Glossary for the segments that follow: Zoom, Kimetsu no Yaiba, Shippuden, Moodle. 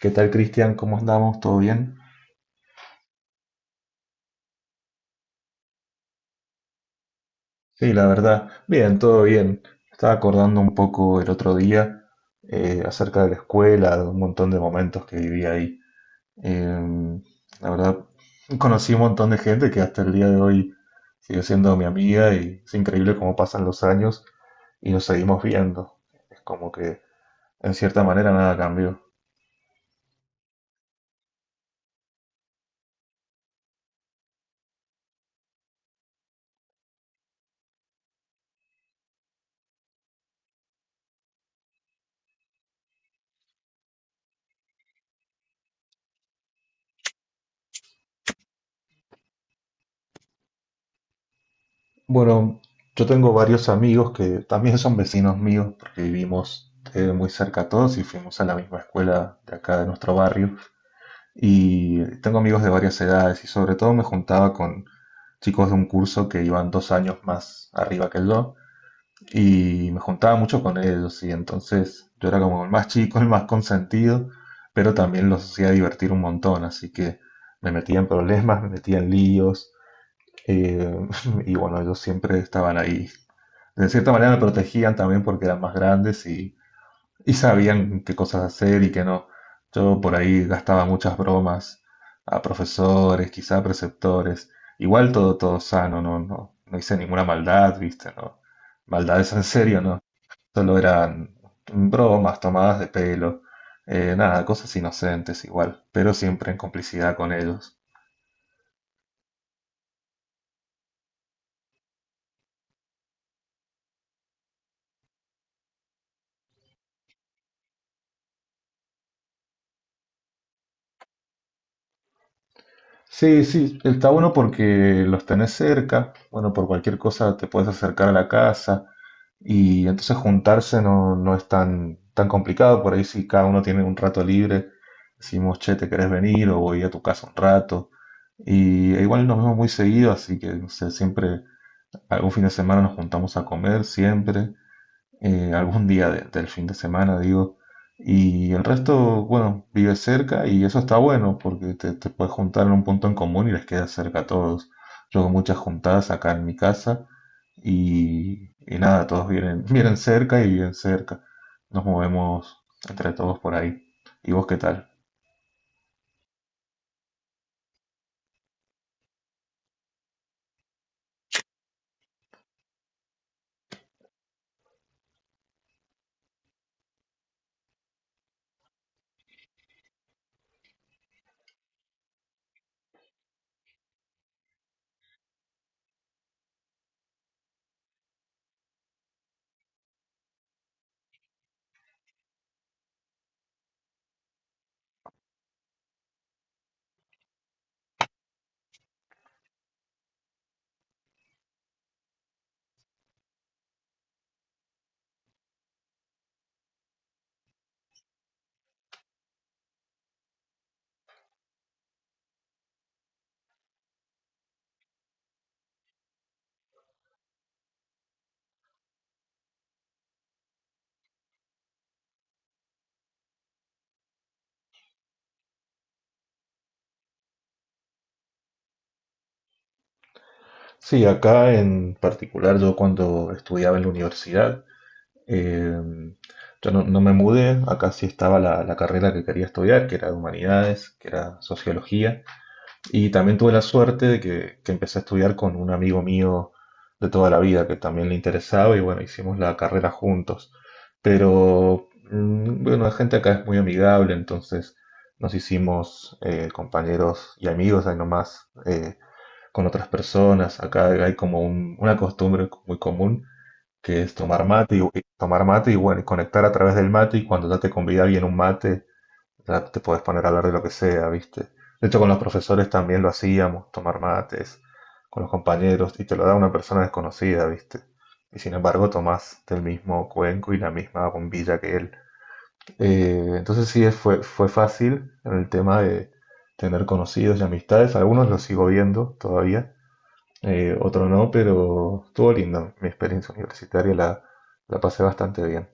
¿Qué tal, Cristian? ¿Cómo andamos? ¿Todo bien? Sí, la verdad, bien, todo bien. Estaba acordando un poco el otro día, acerca de la escuela, de un montón de momentos que viví ahí. Em, la verdad, conocí un montón de gente que hasta el día de hoy sigue siendo mi amiga y es increíble cómo pasan los años y nos seguimos viendo. Es como que, en cierta manera, nada cambió. Bueno, yo tengo varios amigos que también son vecinos míos porque vivimos muy cerca todos y fuimos a la misma escuela de acá de nuestro barrio. Y tengo amigos de varias edades y sobre todo me juntaba con chicos de un curso que iban dos años más arriba que yo y me juntaba mucho con ellos y entonces yo era como el más chico, el más consentido, pero también los hacía divertir un montón, así que me metía en problemas, me metía en líos eh, y bueno, ellos siempre estaban ahí, de cierta manera me protegían también porque eran más grandes y sabían qué cosas hacer y qué no. Yo por ahí gastaba muchas bromas a profesores, quizá a preceptores. Igual todo, todo sano, no, no, no hice ninguna maldad, ¿viste? No, maldades en serio, no. Solo eran bromas, tomadas de pelo, nada, cosas inocentes igual, pero siempre en complicidad con ellos. Sí, sí, está bueno porque los tenés cerca, bueno, por cualquier cosa te puedes acercar a la casa, y entonces juntarse no, no es tan, tan complicado. Por ahí, si cada uno tiene un rato libre, decimos: che, ¿te querés venir? O voy a tu casa un rato. Y e igual nos vemos muy seguido, así que no sé, siempre algún fin de semana nos juntamos a comer, siempre, algún día del fin de semana, digo. Y el resto, bueno, vive cerca y eso está bueno porque te puedes juntar en un punto en común y les queda cerca a todos. Yo hago muchas juntadas acá en mi casa y nada, todos vienen, vienen cerca y viven cerca. Nos movemos entre todos por ahí. ¿Y vos qué tal? Sí, acá en particular, yo cuando estudiaba en la universidad, Eh, yo no, no me mudé, acá sí estaba la carrera que quería estudiar, que era de humanidades, que era sociología, y también tuve la suerte de que empecé a estudiar con un amigo mío de toda la vida que también le interesaba y bueno, hicimos la carrera juntos. Pero bueno, la gente acá es muy amigable, entonces nos hicimos, compañeros y amigos ahí nomás, con otras personas. Acá hay como una costumbre muy común que es tomar mate y tomar mate y bueno, y conectar a través del mate, y cuando ya te convida alguien un mate, ya te puedes poner a hablar de lo que sea, ¿viste? De hecho, con los profesores también lo hacíamos, tomar mates con los compañeros, y te lo da una persona desconocida, ¿viste? Y sin embargo tomás del mismo cuenco y la misma bombilla que él. Entonces sí, fue fácil en el tema de tener conocidos y amistades. Algunos los sigo viendo todavía, otro no, pero estuvo lindo. Mi experiencia universitaria la pasé bastante bien.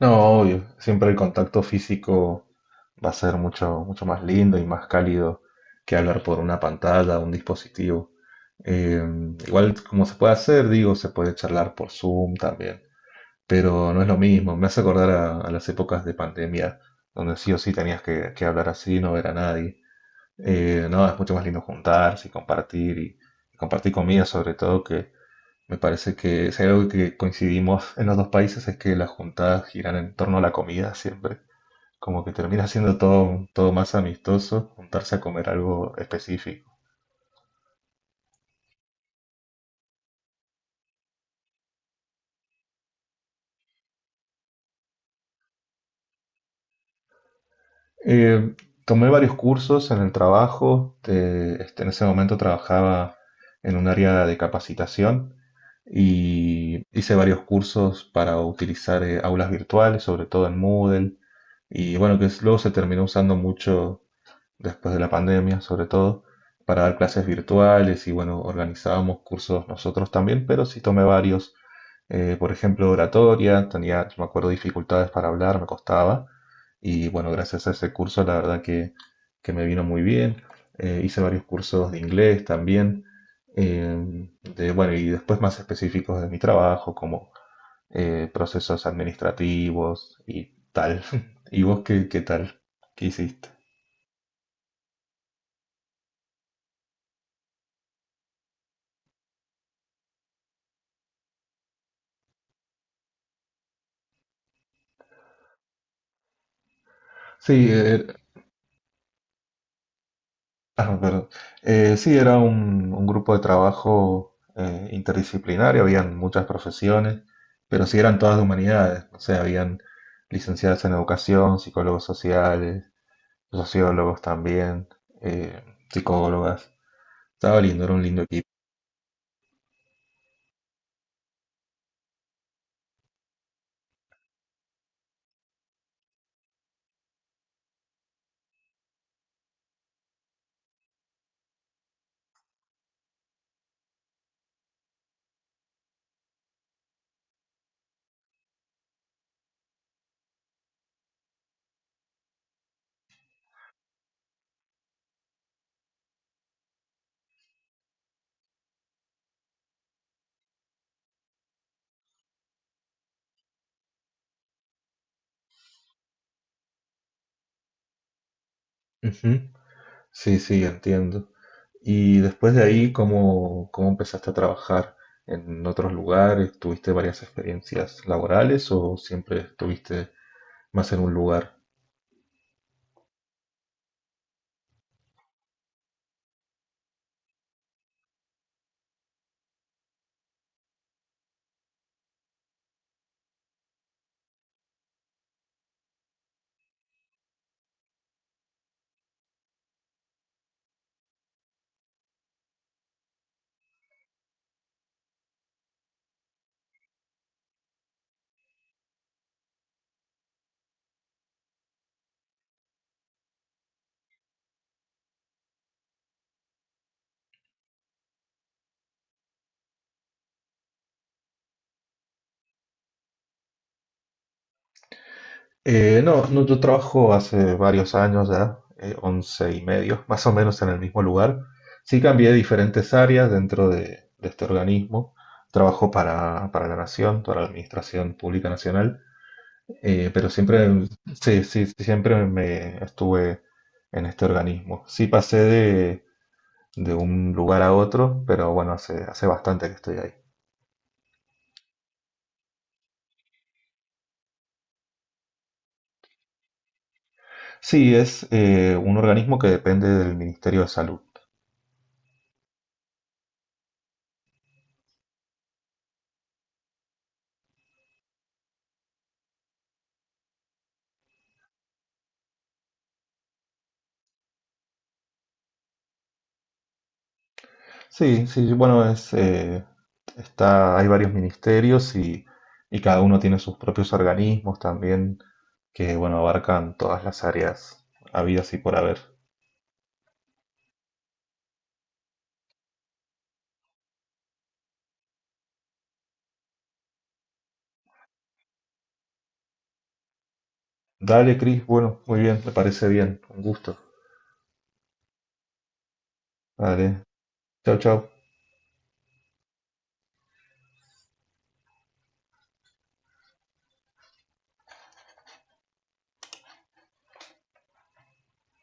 No, obvio, siempre el contacto físico va a ser mucho, mucho más lindo y más cálido que hablar por una pantalla o un dispositivo. Eh, Igual, como se puede hacer, digo, se puede charlar por Zoom también, pero no es lo mismo. Me hace acordar a, las épocas de pandemia, donde sí o sí tenías que hablar así, no ver a nadie. No, es mucho más lindo juntarse y compartir y compartir comida sobre todo, que me parece que si hay algo que coincidimos en los dos países es que las juntadas giran en torno a la comida siempre. Como que termina siendo todo, todo más amistoso, juntarse a comer algo específico. Eh, Tomé varios cursos en el trabajo. En ese momento trabajaba en un área de capacitación y hice varios cursos para utilizar, aulas virtuales, sobre todo en Moodle. Y bueno, luego se terminó usando mucho después de la pandemia, sobre todo, para dar clases virtuales, y bueno, organizábamos cursos nosotros también, pero sí tomé varios, por ejemplo, oratoria. Tenía, yo me acuerdo, dificultades para hablar, me costaba, y bueno, gracias a ese curso la verdad que me vino muy bien. Hice varios cursos de inglés también, eh, de, bueno, y después más específicos de mi trabajo, como, procesos administrativos y tal. ¿Y vos qué, qué tal? ¿Qué hiciste? Sí, ah, pero, sí, era un grupo de trabajo, interdisciplinario, habían muchas profesiones, pero sí eran todas de humanidades, o sea, habían licenciadas en educación, psicólogos sociales, sociólogos también, eh, psicólogas. Estaba lindo, era un lindo equipo. Ujú. Sí, sí, entiendo. Y después de ahí, ¿cómo empezaste a trabajar en otros lugares? ¿Tuviste varias experiencias laborales o siempre estuviste más en un lugar? No, no, yo trabajo hace varios años ya, 11 y medio, más o menos en el mismo lugar. Sí, cambié diferentes áreas dentro de este organismo. Trabajo para la Nación, para la Administración Pública Nacional, pero siempre, sí, sí, siempre me estuve en este organismo. Sí, pasé de un lugar a otro, pero bueno, hace bastante que estoy ahí. Sí, es, un organismo que depende del Ministerio de Salud. Sí, sí, bueno, está, hay varios ministerios y cada uno tiene sus propios organismos también que, bueno, abarcan todas las áreas habidas y por haber. Dale, Cris, bueno, muy bien, me parece bien, un gusto. Dale, chao, chao.